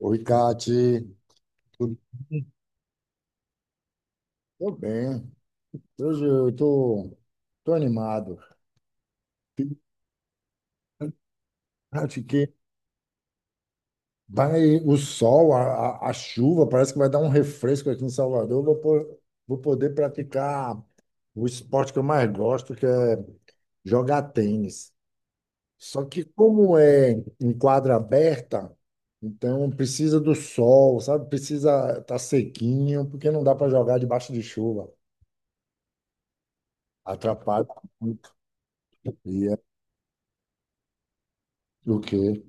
Oi, Kati. Tudo tudo bem? Hoje eu tô animado. Acho que vai o sol, a chuva, parece que vai dar um refresco aqui em Salvador. Vou poder praticar o esporte que eu mais gosto, que é jogar tênis. Só que como é em quadra aberta, então precisa do sol, sabe? Precisa estar tá sequinho, porque não dá para jogar debaixo de chuva. Atrapalha muito. E é o quê?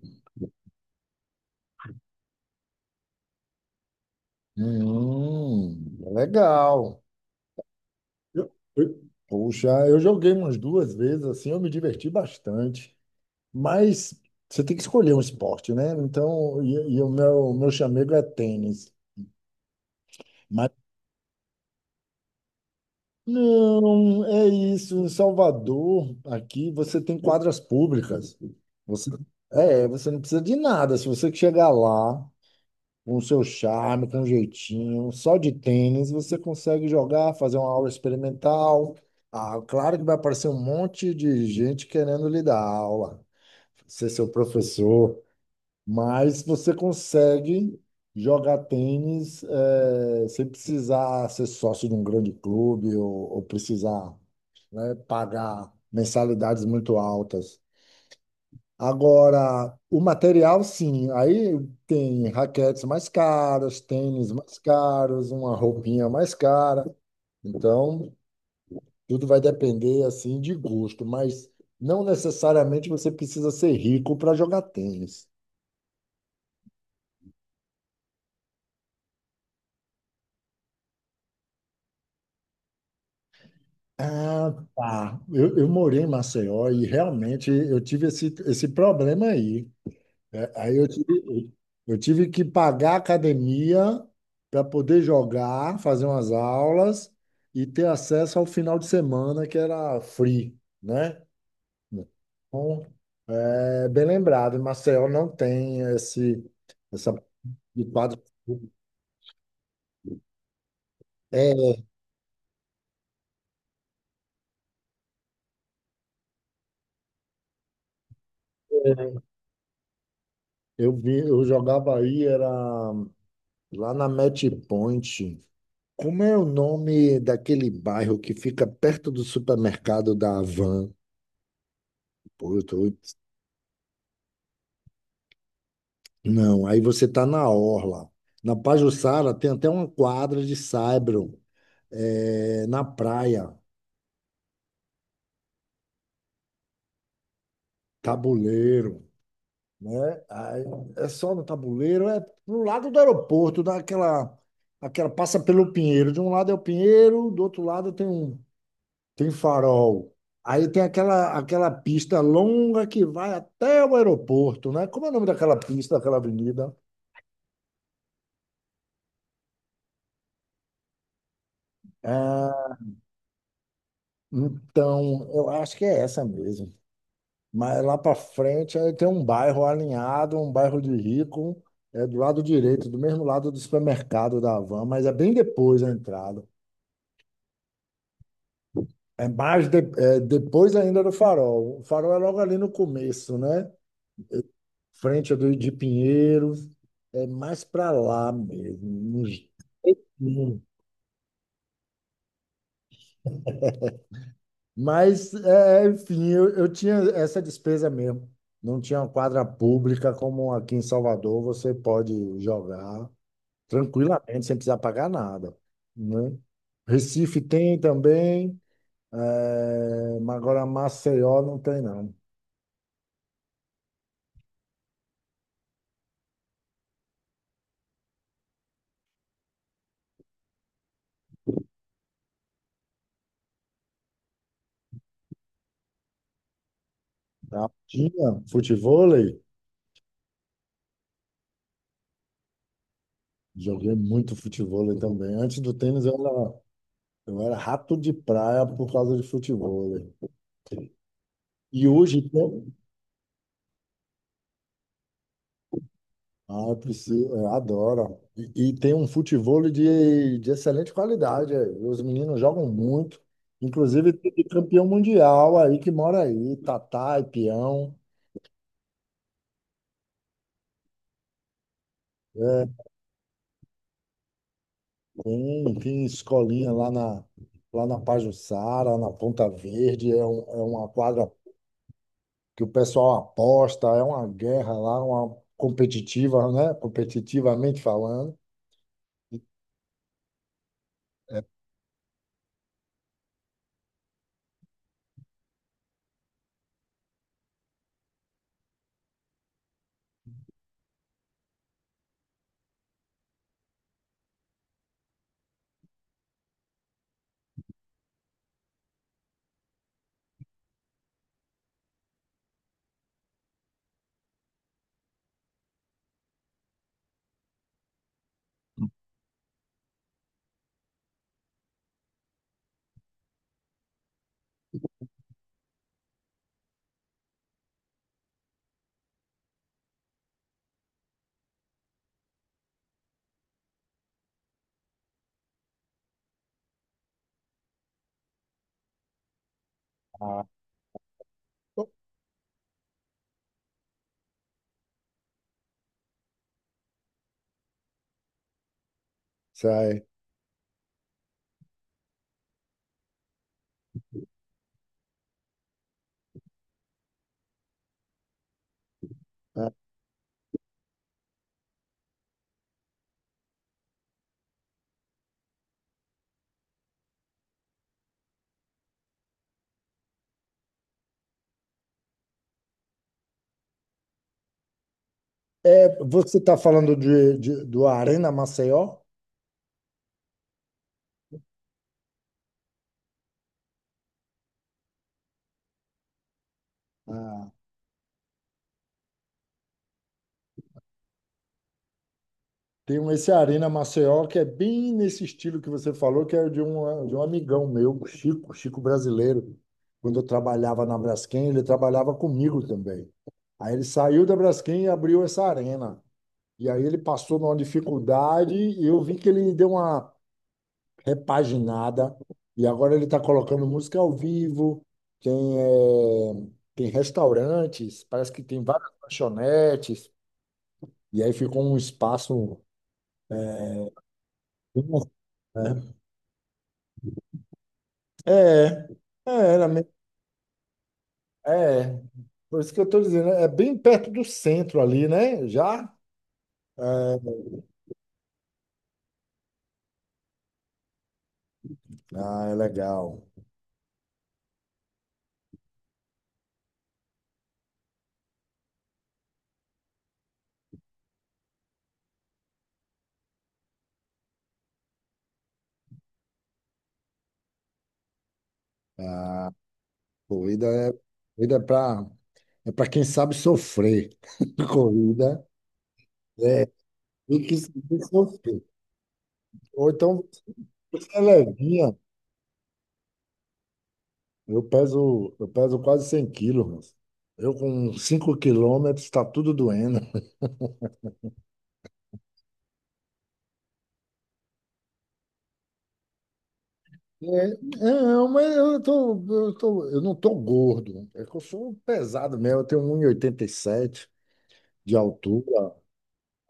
Hum, legal. Poxa, eu joguei umas duas vezes, assim, eu me diverti bastante. Mas você tem que escolher um esporte, né? Então, e o meu chamego é tênis. Mas não, é isso. Em Salvador, aqui, você tem quadras públicas. Você, é, você não precisa de nada. Se você chegar lá com o seu charme, com um jeitinho, só de tênis você consegue jogar, fazer uma aula experimental. Ah, claro que vai aparecer um monte de gente querendo lhe dar aula, ser seu professor, mas você consegue jogar tênis, sem precisar ser sócio de um grande clube ou precisar, né, pagar mensalidades muito altas. Agora, o material, sim. Aí tem raquetes mais caras, tênis mais caros, uma roupinha mais cara. Então, tudo vai depender assim de gosto, mas não necessariamente você precisa ser rico para jogar tênis. Ah, tá. Eu morei em Maceió e realmente eu tive esse problema aí. É, aí eu tive, eu tive que pagar a academia para poder jogar, fazer umas aulas e ter acesso ao final de semana, que era free, né? Então, é bem lembrado, Marcel não tem esse, essa de quadro. É, eu vi, eu jogava aí, era lá na Match Point. Como é o nome daquele bairro que fica perto do supermercado da Havan? Pô, eu tô. Não, aí você está na orla. Na Pajuçara tem até uma quadra de saibro, é, na praia, tabuleiro, né? Aí, é só no tabuleiro, é no lado do aeroporto, daquela, aquela passa pelo Pinheiro. De um lado é o Pinheiro, do outro lado tem tem farol. Aí tem aquela pista longa que vai até o aeroporto, né? Como é o nome daquela pista, daquela avenida? Ah, então, eu acho que é essa mesmo. Mas lá para frente aí tem um bairro alinhado, um bairro de rico, é do lado direito, do mesmo lado do supermercado da Havan, mas é bem depois da entrada. É depois ainda do Farol. O Farol é logo ali no começo, né? Frente do de Pinheiros, é mais para lá mesmo. nos- no- Mas, é, enfim, eu tinha essa despesa mesmo. Não tinha uma quadra pública como aqui em Salvador, você pode jogar tranquilamente, sem precisar pagar nada, né? Recife tem também, mas agora Maceió não tem, não. Tá? Tinha futevôlei, joguei muito futevôlei também. Antes do tênis, eu era rato de praia por causa de futevôlei. E hoje, tem. Ah, eu preciso, eu adoro. E tem um futevôlei de excelente qualidade. Eh. Os meninos jogam muito. Inclusive, tem campeão mundial aí que mora aí, Tatá e Peão. É, tem escolinha lá na Pajuçara, na Ponta Verde. É, é uma quadra que o pessoal aposta, é uma guerra lá, uma competitiva, né? Competitivamente falando. Ah, sai. Ah, é, você está falando do Arena Maceió? Ah, esse Arena Maceió que é bem nesse estilo que você falou, que é de um amigão meu, Chico, Chico brasileiro. Quando eu trabalhava na Braskem, ele trabalhava comigo também. Aí ele saiu da Braskem e abriu essa arena. E aí ele passou numa dificuldade e eu vi que ele deu uma repaginada, e agora ele está colocando música ao vivo, tem, tem restaurantes, parece que tem várias lanchonetes, e aí ficou um espaço, né? É, era mesmo, é, por isso que eu estou dizendo, é bem perto do centro ali, né? Já? É. Ah, é legal. Corrida é, corrida é para é para quem sabe sofrer. Corrida é, tem que saber sofrer. Ou então, você é levinha. Eu peso quase 100 quilos, moço. Eu com 5 quilômetros está tudo doendo. É, não, mas eu tô, eu não tô gordo. É que eu sou pesado mesmo. Eu tenho um e oitenta e sete de altura.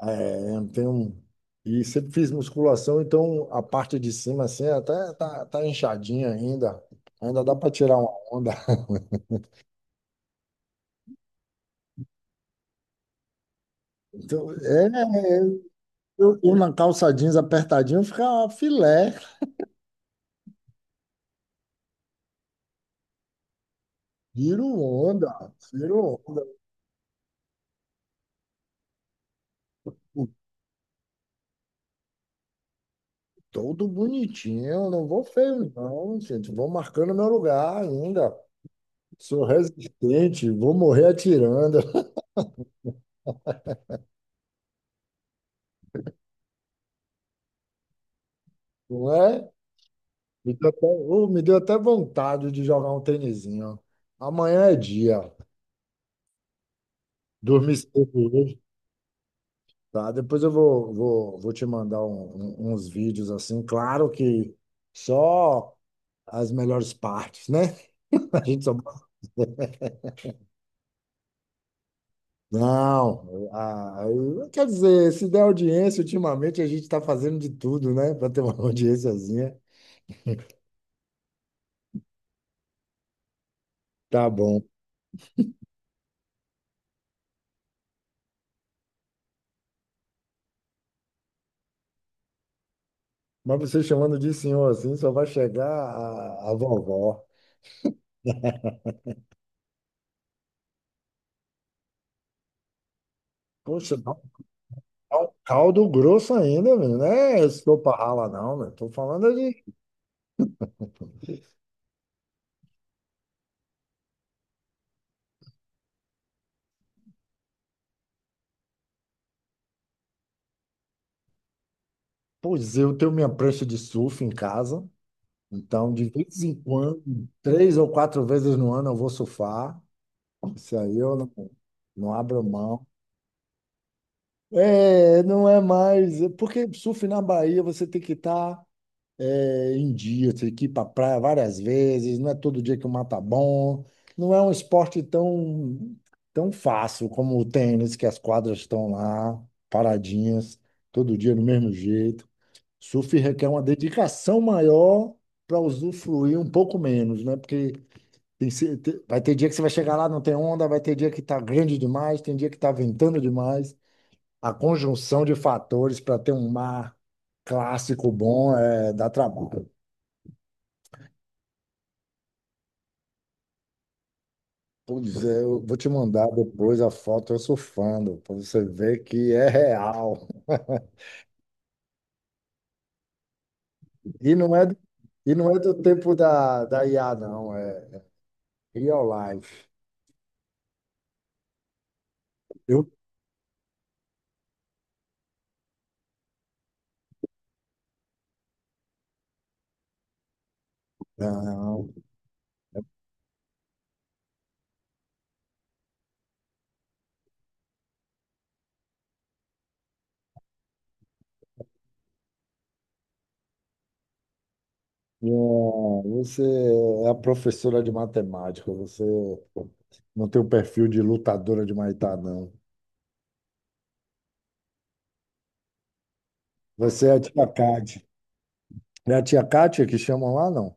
É, eu tenho, um, e sempre fiz musculação, então a parte de cima assim até tá inchadinha ainda. Ainda dá para tirar uma onda. Então, é, eu na calça jeans apertadinha fica filé. Tiro onda, tiro onda. Todo bonitinho, não vou feio, não, gente. Vou marcando meu lugar ainda. Sou resistente, vou morrer atirando, não é? Me deu até, oh, me deu até vontade de jogar um tênisinho. Amanhã é dia. Dormir cedo hoje. Tá, depois eu vou te mandar uns vídeos assim. Claro que só as melhores partes, né? A gente só. Não, ah, quer dizer, se der audiência, ultimamente a gente está fazendo de tudo, né, para ter uma audiênciazinha. Tá bom. Mas você chamando de senhor assim, só vai chegar a vovó. Poxa, dá um caldo grosso ainda, meu, não é sopa rala, não, né? Tô falando de. Pois eu tenho minha prancha de surf em casa, então de vez em quando, três ou quatro vezes no ano, eu vou surfar. Isso aí eu não, não abro mão. É, não é mais. É. Porque surf na Bahia você tem que estar em dia, você tem que ir para praia várias vezes, não é todo dia que o mar tá bom. Não é um esporte tão fácil como o tênis, que as quadras estão lá, paradinhas, todo dia do mesmo jeito. Surf requer uma dedicação maior para usufruir um pouco menos, né? Porque tem se- te- vai ter dia que você vai chegar lá, não tem onda, vai ter dia que tá grande demais, tem dia que tá ventando demais. A conjunção de fatores para ter um mar clássico bom é, dá trabalho. Pois é, eu vou te mandar depois a foto eu surfando, para você ver que é real. E não é, e não é do tempo da IA, não, é real life. Eu não. Não, você é a professora de matemática, você não tem o perfil de lutadora de Muay Thai, não. Você é a tia Kátia. É a tia Kátia que chamam lá, não?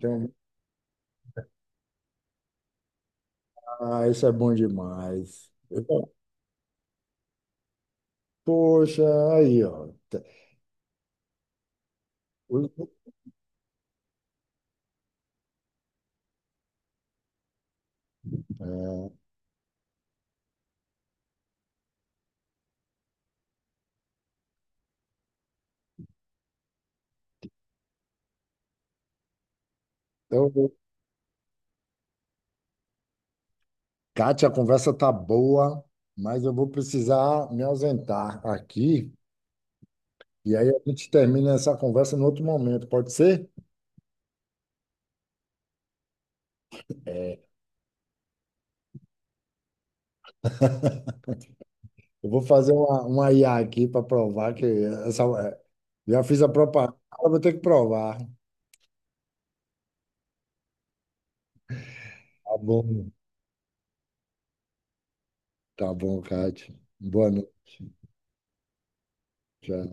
Tem um. Ah, isso é bom demais. Eu. Poxa, aí, ó. o- é, então, Kátia, a conversa tá boa, mas eu vou precisar me ausentar aqui. E aí a gente termina essa conversa em outro momento, pode ser? É, eu vou fazer uma IA aqui para provar que essa, é, já fiz a propaganda, agora vou ter que provar. Tá bom, tá bom, Kátia. Boa noite. Tchau.